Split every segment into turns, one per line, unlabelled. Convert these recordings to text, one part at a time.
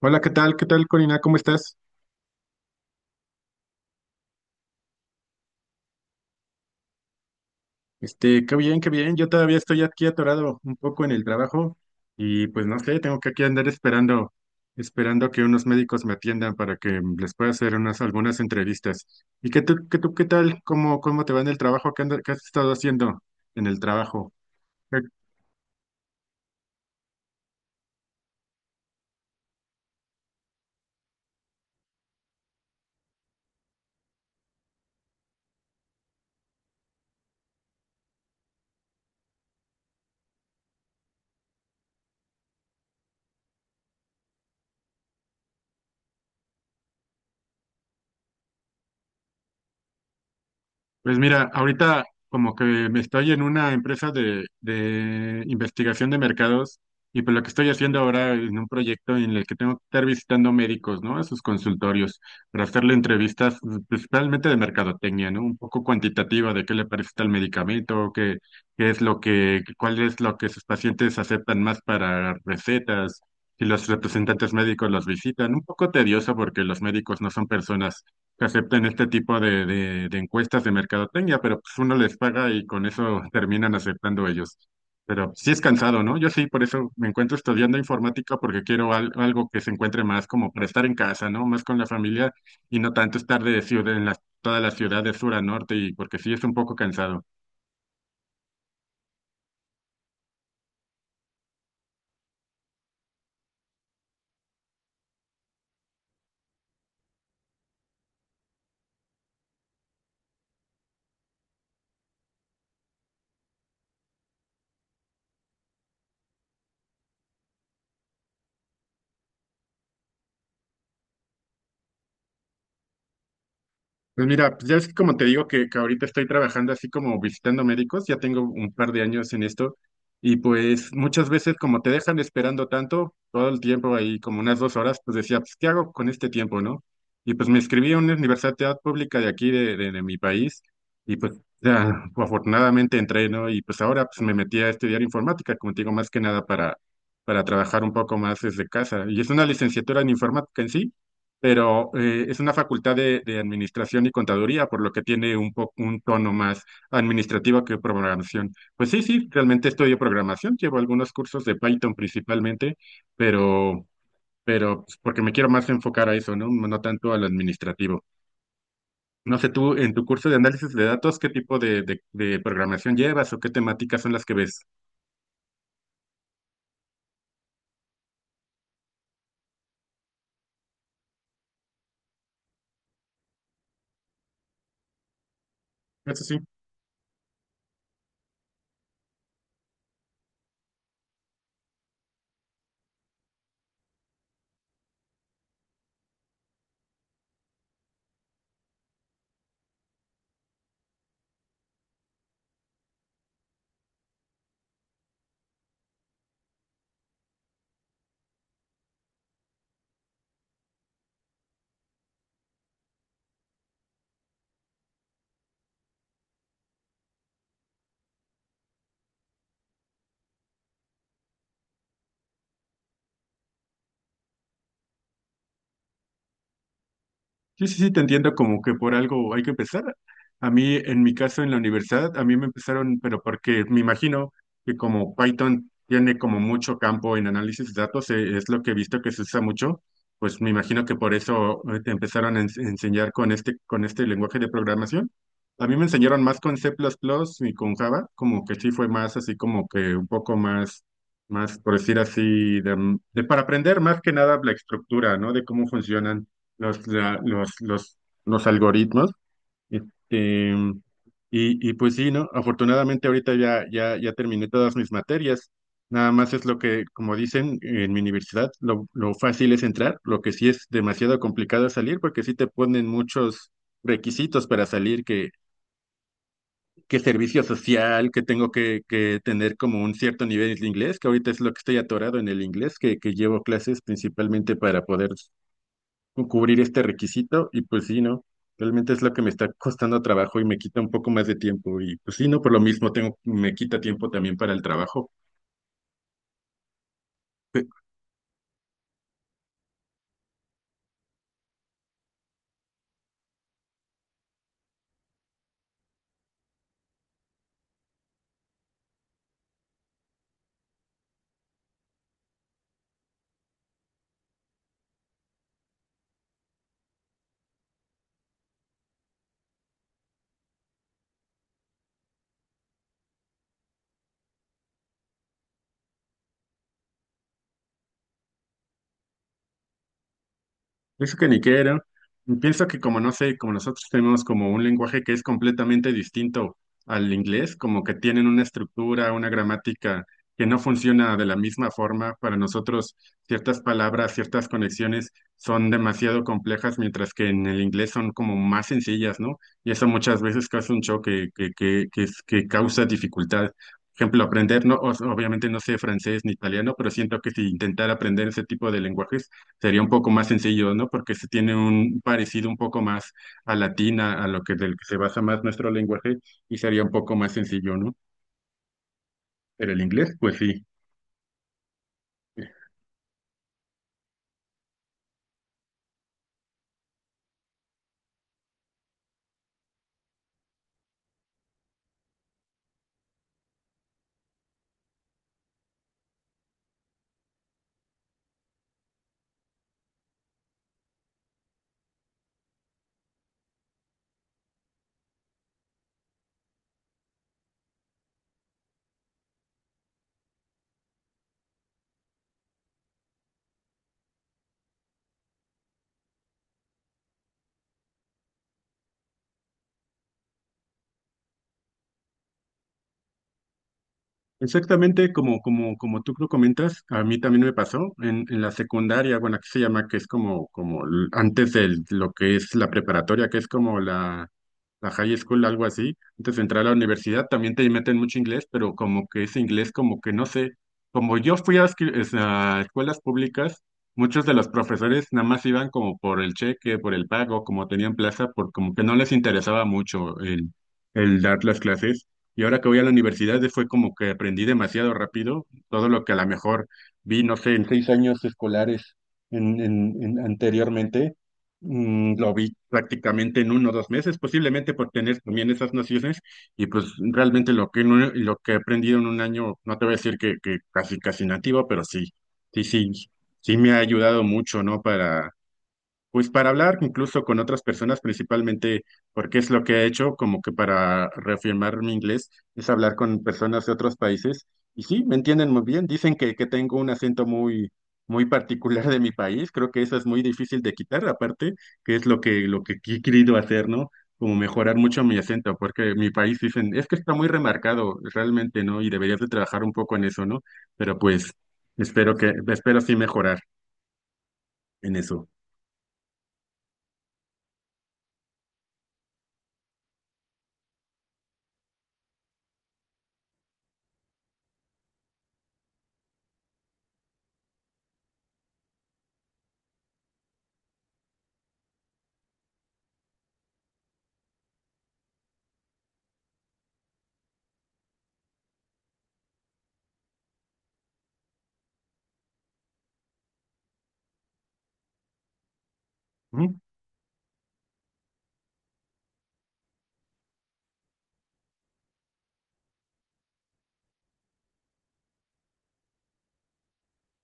Hola, ¿qué tal? ¿Qué tal, Corina? ¿Cómo estás? Este, qué bien, qué bien. Yo todavía estoy aquí atorado un poco en el trabajo y pues no sé, tengo que aquí andar esperando que unos médicos me atiendan para que les pueda hacer unas algunas entrevistas. ¿Y qué tal? ¿Cómo te va en el trabajo? ¿ Qué has estado haciendo en el trabajo? Pues mira, ahorita como que me estoy en una empresa de investigación de mercados y pues lo que estoy haciendo ahora es un proyecto en el que tengo que estar visitando médicos, ¿no? A sus consultorios para hacerle entrevistas principalmente de mercadotecnia, ¿no? Un poco cuantitativa de qué le parece tal medicamento, qué, qué es lo que, cuál es lo que sus pacientes aceptan más para recetas. Si los representantes médicos los visitan, un poco tedioso porque los médicos no son personas que acepten este tipo de encuestas de mercadotecnia, pero pues uno les paga y con eso terminan aceptando ellos. Pero sí es cansado, ¿no? Yo sí, por eso me encuentro estudiando informática porque quiero algo que se encuentre más como para estar en casa, ¿no? Más con la familia y no tanto estar de ciudad en las, toda la ciudad de sur a norte y porque sí es un poco cansado. Pues mira, pues ya es que como te digo que ahorita estoy trabajando así como visitando médicos, ya tengo un par de años en esto y pues muchas veces como te dejan esperando tanto, todo el tiempo ahí como unas 2 horas, pues decía, pues ¿qué hago con este tiempo, no? Y pues me inscribí a una universidad pública de aquí, de mi país, y pues ya, afortunadamente entré, ¿no? Y pues ahora pues me metí a estudiar informática, como te digo, más que nada para trabajar un poco más desde casa. Y es una licenciatura en informática en sí pero es una facultad de administración y contaduría, por lo que tiene un tono más administrativo que programación. Pues sí, sí, realmente estudio programación, llevo algunos cursos de Python principalmente, pero, pero pues, porque me quiero más enfocar a eso, ¿no? No tanto al administrativo. No sé, tú en tu curso de análisis de datos, ¿qué tipo de programación llevas o qué temáticas son las que ves? Eso sí. Sí, sí, sí, te entiendo como que por algo hay que empezar. A mí, en mi caso, en la universidad, a mí me empezaron, pero porque me imagino que como Python tiene como mucho campo en análisis de datos, es lo que he visto que se usa mucho, pues me imagino que por eso te empezaron a enseñar con este lenguaje de programación. A mí me enseñaron más con C++ y con Java, como que sí fue más así como que un poco más, más por decir así, de para aprender más que nada la estructura, ¿no? De cómo funcionan los, la- los algoritmos. Este, y pues sí, ¿no? Afortunadamente ahorita ya terminé todas mis materias. Nada más es lo que, como dicen en mi universidad, lo fácil es entrar, lo que sí es demasiado complicado es salir, porque sí te ponen muchos requisitos para salir, que servicio social, que tengo que tener como un cierto nivel de inglés, que ahorita es lo que estoy atorado en el inglés, que llevo clases principalmente para poder cubrir este requisito y pues sí, ¿no? Realmente es lo que me está costando trabajo y me quita un poco más de tiempo y pues sí, ¿no? Por lo mismo tengo, me quita tiempo también para el trabajo. Pienso que Niquero, pienso que como no sé, como nosotros tenemos como un lenguaje que es completamente distinto al inglés, como que tienen una estructura, una gramática que no funciona de la misma forma, para nosotros ciertas palabras, ciertas conexiones son demasiado complejas, mientras que en el inglés son como más sencillas, ¿no? Y eso muchas veces causa un choque que causa dificultad. Por ejemplo, aprender, no, obviamente no sé francés ni italiano, pero siento que si intentara aprender ese tipo de lenguajes, sería un poco más sencillo, ¿no? Porque se tiene un parecido un poco más a latina, a lo que del que se basa más nuestro lenguaje, y sería un poco más sencillo, ¿no? Pero el inglés, pues sí. Exactamente como tú lo comentas, a mí también me pasó en la secundaria, bueno, aquí se llama que es como, antes de lo que es la preparatoria, que es como la high school, algo así. Antes de entrar a la universidad también te meten mucho inglés, pero como que ese inglés como que no sé, como yo fui a escuelas públicas, muchos de los profesores nada más iban como por el cheque, por el pago, como tenían plaza, por como que no les interesaba mucho el dar las clases. Y ahora que voy a la universidad fue como que aprendí demasiado rápido todo lo que a lo mejor vi, no sé, en 6 años escolares en, anteriormente, lo vi prácticamente en 1 o 2 meses, posiblemente por tener también esas nociones. Y pues realmente lo que, lo que he aprendido en un año, no te voy a decir que casi, casi nativo, pero sí, sí, sí, sí me ha ayudado mucho, ¿no? Pues para hablar incluso con otras personas, principalmente porque es lo que he hecho, como que para reafirmar mi inglés, es hablar con personas de otros países. Y sí, me entienden muy bien. Dicen que tengo un acento muy, muy particular de mi país. Creo que eso es muy difícil de quitar, aparte, que es lo que he querido hacer, ¿no? Como mejorar mucho mi acento, porque mi país dicen, es que está muy remarcado realmente, ¿no? Y deberías de trabajar un poco en eso, ¿no? Pero pues espero que, espero sí mejorar en eso.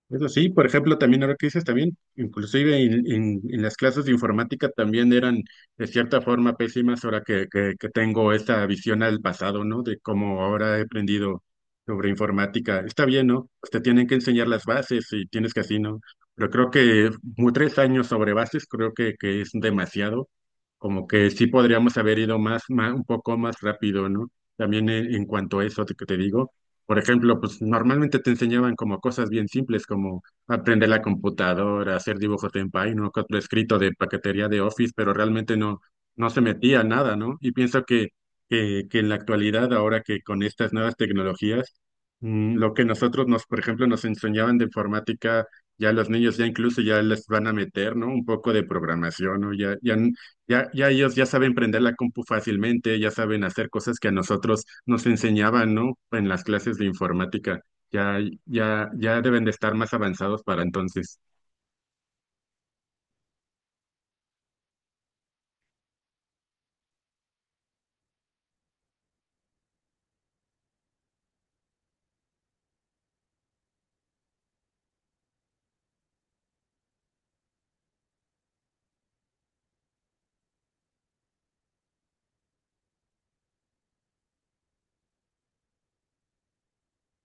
Eso sí, por ejemplo, también ahora que dices también, inclusive en, en las clases de informática también eran de cierta forma pésimas ahora que tengo esta visión al pasado, ¿no? De cómo ahora he aprendido sobre informática. Está bien, ¿no? Pues te tienen que enseñar las bases y tienes que así, ¿no? Pero creo que 3 años sobre bases creo que es demasiado como que sí podríamos haber ido más, un poco más rápido, ¿no? También en cuanto a eso que te digo, por ejemplo, pues normalmente te enseñaban como cosas bien simples como aprender la computadora, hacer dibujos en Paint, ¿no? Otro escrito de paquetería de Office, pero realmente no, no se metía nada, ¿no? Y pienso que en la actualidad, ahora que con estas nuevas tecnologías, lo que nosotros nos, por ejemplo, nos enseñaban de informática, ya los niños ya incluso ya les van a meter, ¿no? Un poco de programación, ¿no? Ya ya ellos ya saben prender la compu fácilmente, ya saben hacer cosas que a nosotros nos enseñaban, ¿no? En las clases de informática. Ya, ya deben de estar más avanzados para entonces.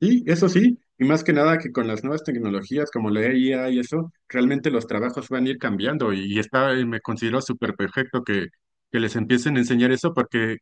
Y eso sí, y más que nada que con las nuevas tecnologías como la IA y eso, realmente los trabajos van a ir cambiando. Y está, y me considero súper perfecto que les empiecen a enseñar eso porque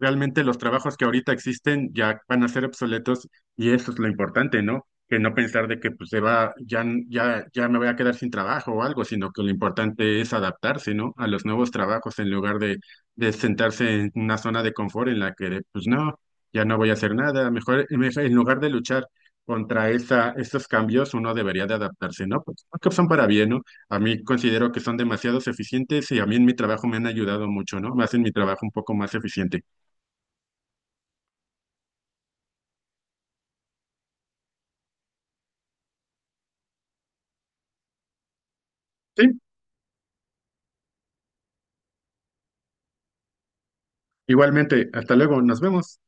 realmente los trabajos que ahorita existen ya van a ser obsoletos y eso es lo importante, ¿no? Que no pensar de que pues se va, ya me voy a quedar sin trabajo o algo, sino que lo importante es adaptarse, ¿no? A los nuevos trabajos en lugar de sentarse en una zona de confort en la que de, pues no, ya no voy a hacer nada. En lugar de luchar contra esos cambios, uno debería de adaptarse, ¿no? Pues creo que son para bien, ¿no? A mí considero que son demasiados eficientes y a mí en mi trabajo me han ayudado mucho, ¿no? Me hacen mi trabajo un poco más eficiente. Sí, igualmente. Hasta luego. Nos vemos.